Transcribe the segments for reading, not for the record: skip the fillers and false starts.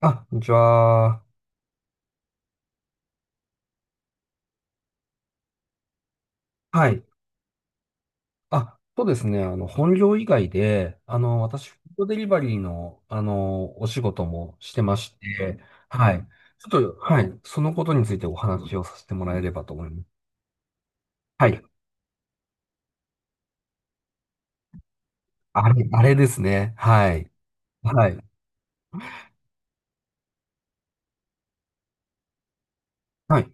あ、こんにちは。はい。あ、そうですね。本業以外で、私、フードデリバリーの、お仕事もしてまして、はい。ちょっと、はい。そのことについてお話をさせてもらえればと思います。はい。あれ、あれですね。はい。はい。はい。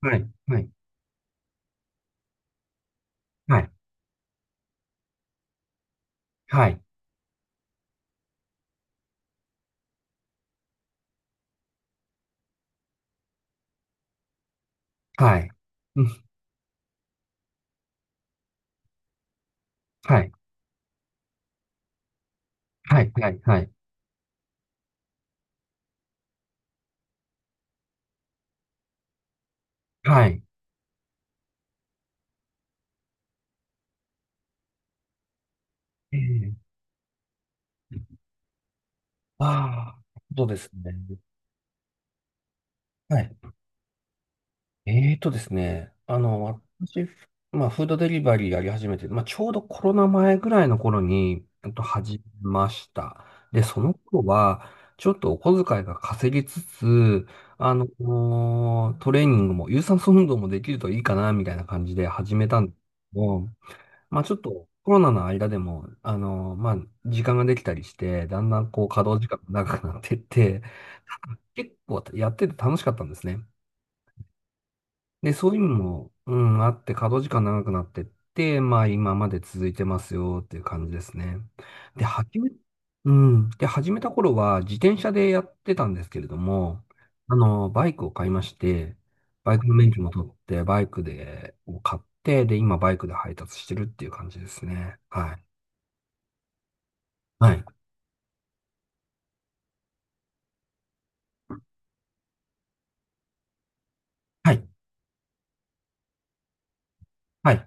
はい。はい。はい。はい。はい。うん。はい。はい。はい。はい。はい。ええ。ああ、そうですね。はい。えーとですね、あの、私、まあ、フードデリバリーやり始めて、まあ、ちょうどコロナ前ぐらいの頃に、始めました。で、その頃は、ちょっとお小遣いが稼ぎつつ、トレーニングも、有酸素運動もできるといいかな、みたいな感じで始めたんですけど、まあ、ちょっとコロナの間でも、まあ、時間ができたりして、だんだんこう、稼働時間が長くなってって、結構やってて楽しかったんですね。で、そういうのも、うん、あって、稼働時間長くなってって、まあ今まで続いてますよっていう感じですね。で、始め、うん。で、始めた頃は自転車でやってたんですけれども、バイクを買いまして、バイクの免許も取って、バイクで、を買って、で、今バイクで配達してるっていう感じですね。はい。はい。はい。はい。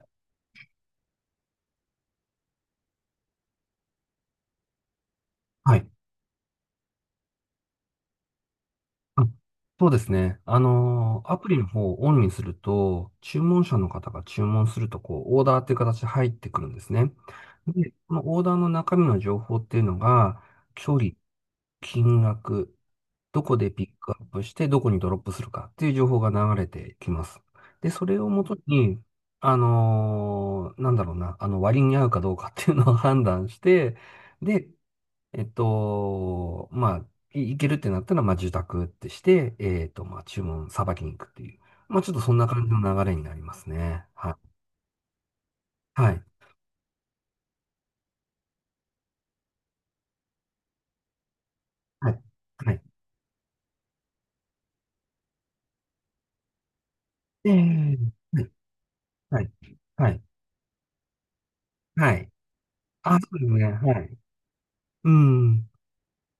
はい。あ、そうですね。アプリの方をオンにすると、注文者の方が注文すると、こう、オーダーっていう形で入ってくるんですね。で、このオーダーの中身の情報っていうのが、距離、金額、どこでピックアップして、どこにドロップするかっていう情報が流れてきます。で、それをもとに、あのーなんだろうな、あの、割に合うかどうかっていうのを判断して、で、まあ、いけるってなったら、まあ、受託ってして、まあ、注文、さばきに行くっていう。まあ、ちょっとそんな感じの流れになりますね。はい。はい。はい。はい。ええ、はい。はい。はい。あ、そうですね。はい。うん。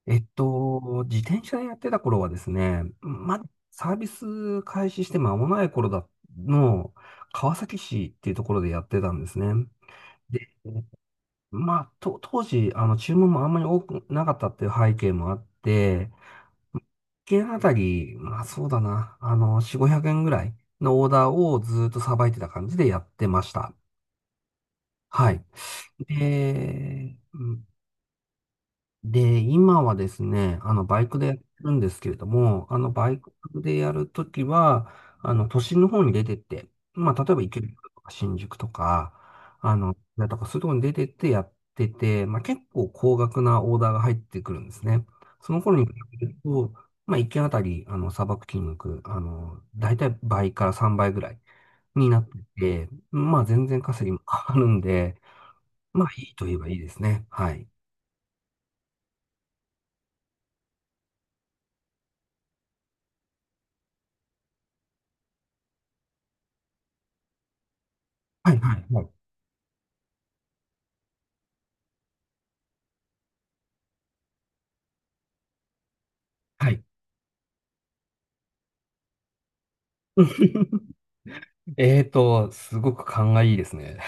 自転車でやってた頃はですね、サービス開始して間もない頃だの、川崎市っていうところでやってたんですね。で、当時、注文もあんまり多くなかったっていう背景もあって、1件あたり、まあそうだな、4、500円ぐらいのオーダーをずっとさばいてた感じでやってました。はい。で、で、今はですね、バイクでやってるんですけれども、バイクでやるときは、都心の方に出てって、まあ、例えば池袋とか新宿とか、だとかそういうところに出てってやってて、まあ、結構高額なオーダーが入ってくるんですね。その頃に比べると、まあ、1件あたり、砂漠金額、だいたい倍から3倍ぐらいになってて、まあ、全然稼ぎも変わるんで、まあ、いいといえばいいですね。はい。はい、はい、はい。はい。 すごく勘がいいですね。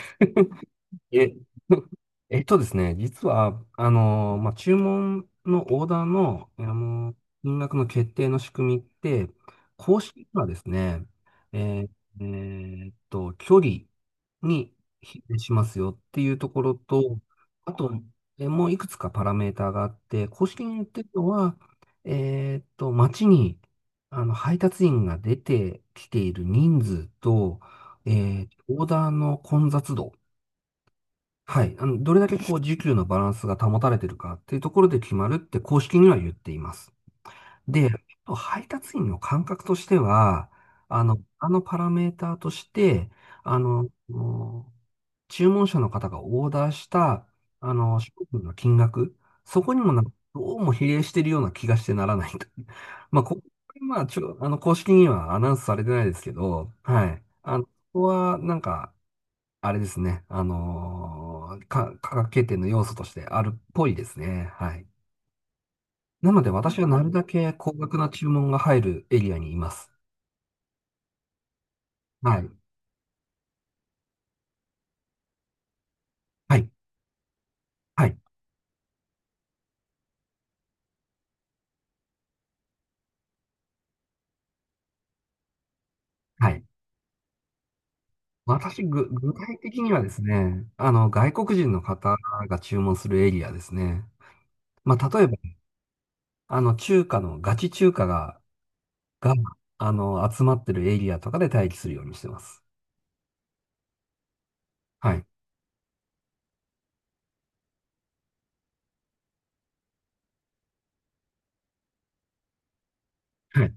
え、えっとですね、実は、まあ、注文のオーダーの、金額の決定の仕組みって、公式にはですね、えーえ距離に比例しますよっていうところと、あと、もういくつかパラメーターがあって、公式に言ってるのは、街に、配達員が出てきている人数と、オーダーの混雑度、はい。どれだけこう、時給のバランスが保たれてるかっていうところで決まるって公式には言っています。で、配達員の感覚としては、あのパラメーターとして、もう注文者の方がオーダーした、商品の金額、そこにもなんか、どうも比例してるような気がしてならないと。まあ、ここれまあ、ちょ、あの、公式にはアナウンスされてないですけど、はい。ここは、なんか、あれですね。あのーか、科学経典の要素としてあるっぽいですね。はい。なので私はなるだけ高額な注文が入るエリアにいます。はい。はい。はい。はい。私、具体的にはですね、外国人の方が注文するエリアですね。まあ、例えば、中華の、ガチ中華が、集まってるエリアとかで待機するようにしてます。はい。はい。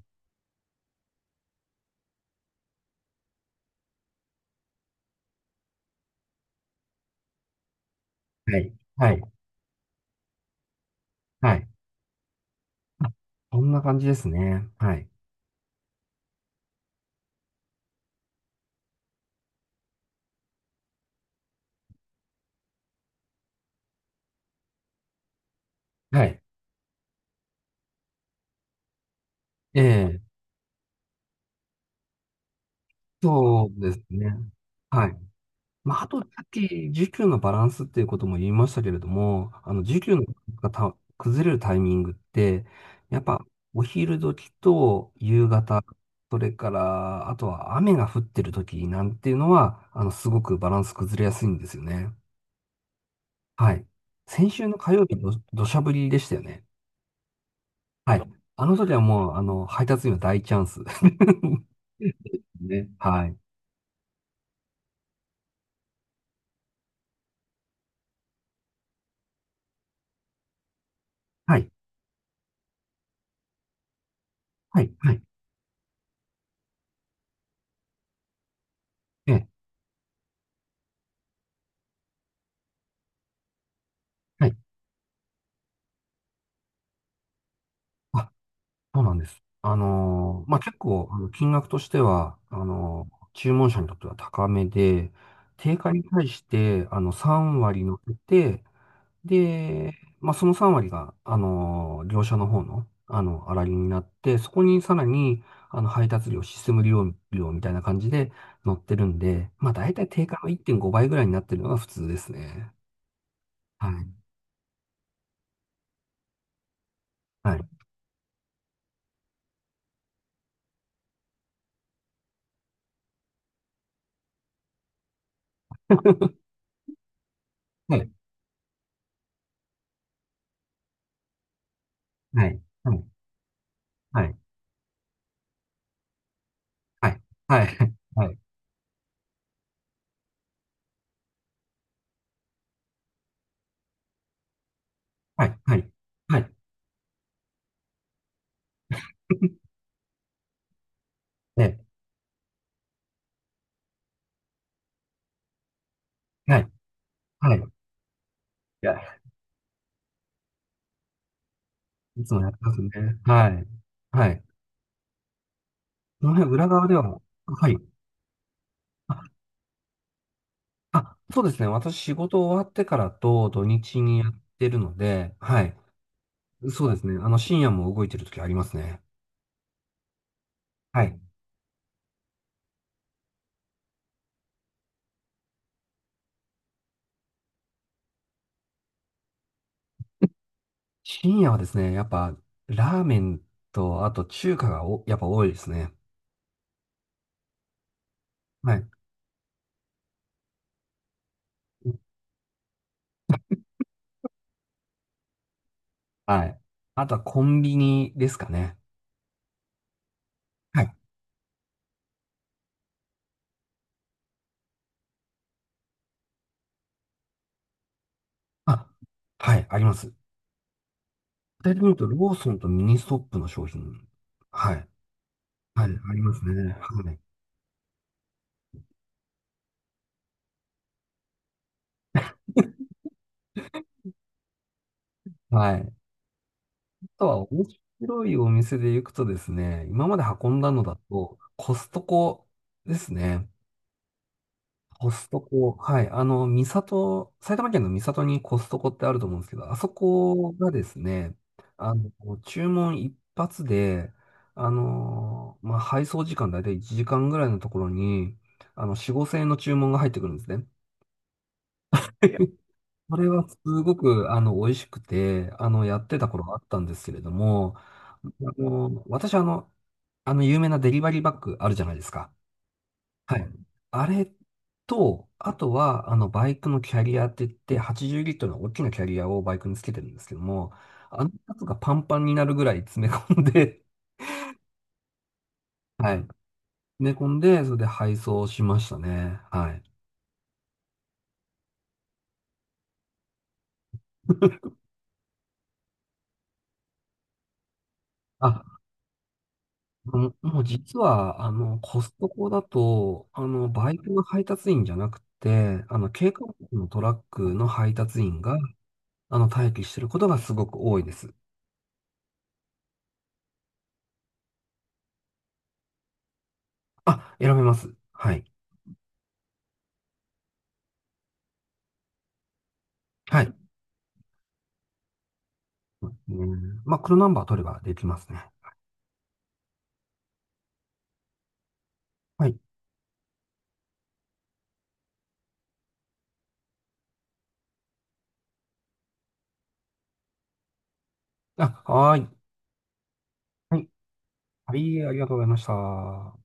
はい。はい。はい。こんな感じですね。はい。はい。ええ、そうですね。はい。まあ、あと、さっき、需給のバランスっていうことも言いましたけれども、需給のがた崩れるタイミングって、やっぱ、お昼時と夕方、それから、あとは雨が降ってる時なんていうのは、すごくバランス崩れやすいんですよね。はい。先週の火曜日、土砂降りでしたよね。はい。あの時はもう、配達員は大チャンス。ね。はい。はい。はい。はい。ええ。はい。そうなんです。結構、あの金額としては、あの注文者にとっては高めで、定価に対して、3割乗って、で、まあ、その3割が、あの業者の方の、粗利になって、そこにさらに、配達料、システム利用料みたいな感じで乗ってるんで、まあ、たい定価の1.5倍ぐらいになってるのが普通ですね。はい。はい。はい。はい。はい。はい。はい。はい。はい。はい。はい。ね、はい、はい。いや、いつもやってますね。はい。はい。その辺、裏側ではもう、はい。あ、あ、そうですね。私、仕事終わってからと土日にやってるので、はい。そうですね。深夜も動いてる時ありますね。はい。深夜はですね、やっぱ、ラーメンと、あと中華が、やっぱ多いですね。はい。はい。あとはコンビニですかね。はい。あ、はい、あります。具体的に言うと、ローソンとミニストップの商品。はい。はい、ありますね。はい。はい。あとは、面白いお店で行くとですね、今まで運んだのだと、コストコですね。コストコ。はい。三郷、埼玉県の三郷にコストコってあると思うんですけど、あそこがですね、あの、注文一発で、まあ、配送時間だいたい1時間ぐらいのところに、4、5千円の注文が入ってくるんですね。それはすごく、美味しくて、やってた頃があったんですけれども、私、有名なデリバリーバッグあるじゃないですか。はい。あれと、あとは、バイクのキャリアって言って、80リットルの大きなキャリアをバイクにつけてるんですけども、あのやつがパンパンになるぐらい詰め込んで、はい。詰め込んで、それで配送しましたね。はい。あ、もう実は、コストコだと、バイクの配達員じゃなくて、軽貨物のトラックの配達員が、待機してることがすごく多いです。あ、選べます。はい。はい。うんまあ、黒ナンバー取ればできますね。はい。あ、はーい。はい。はい、ありがとうございました。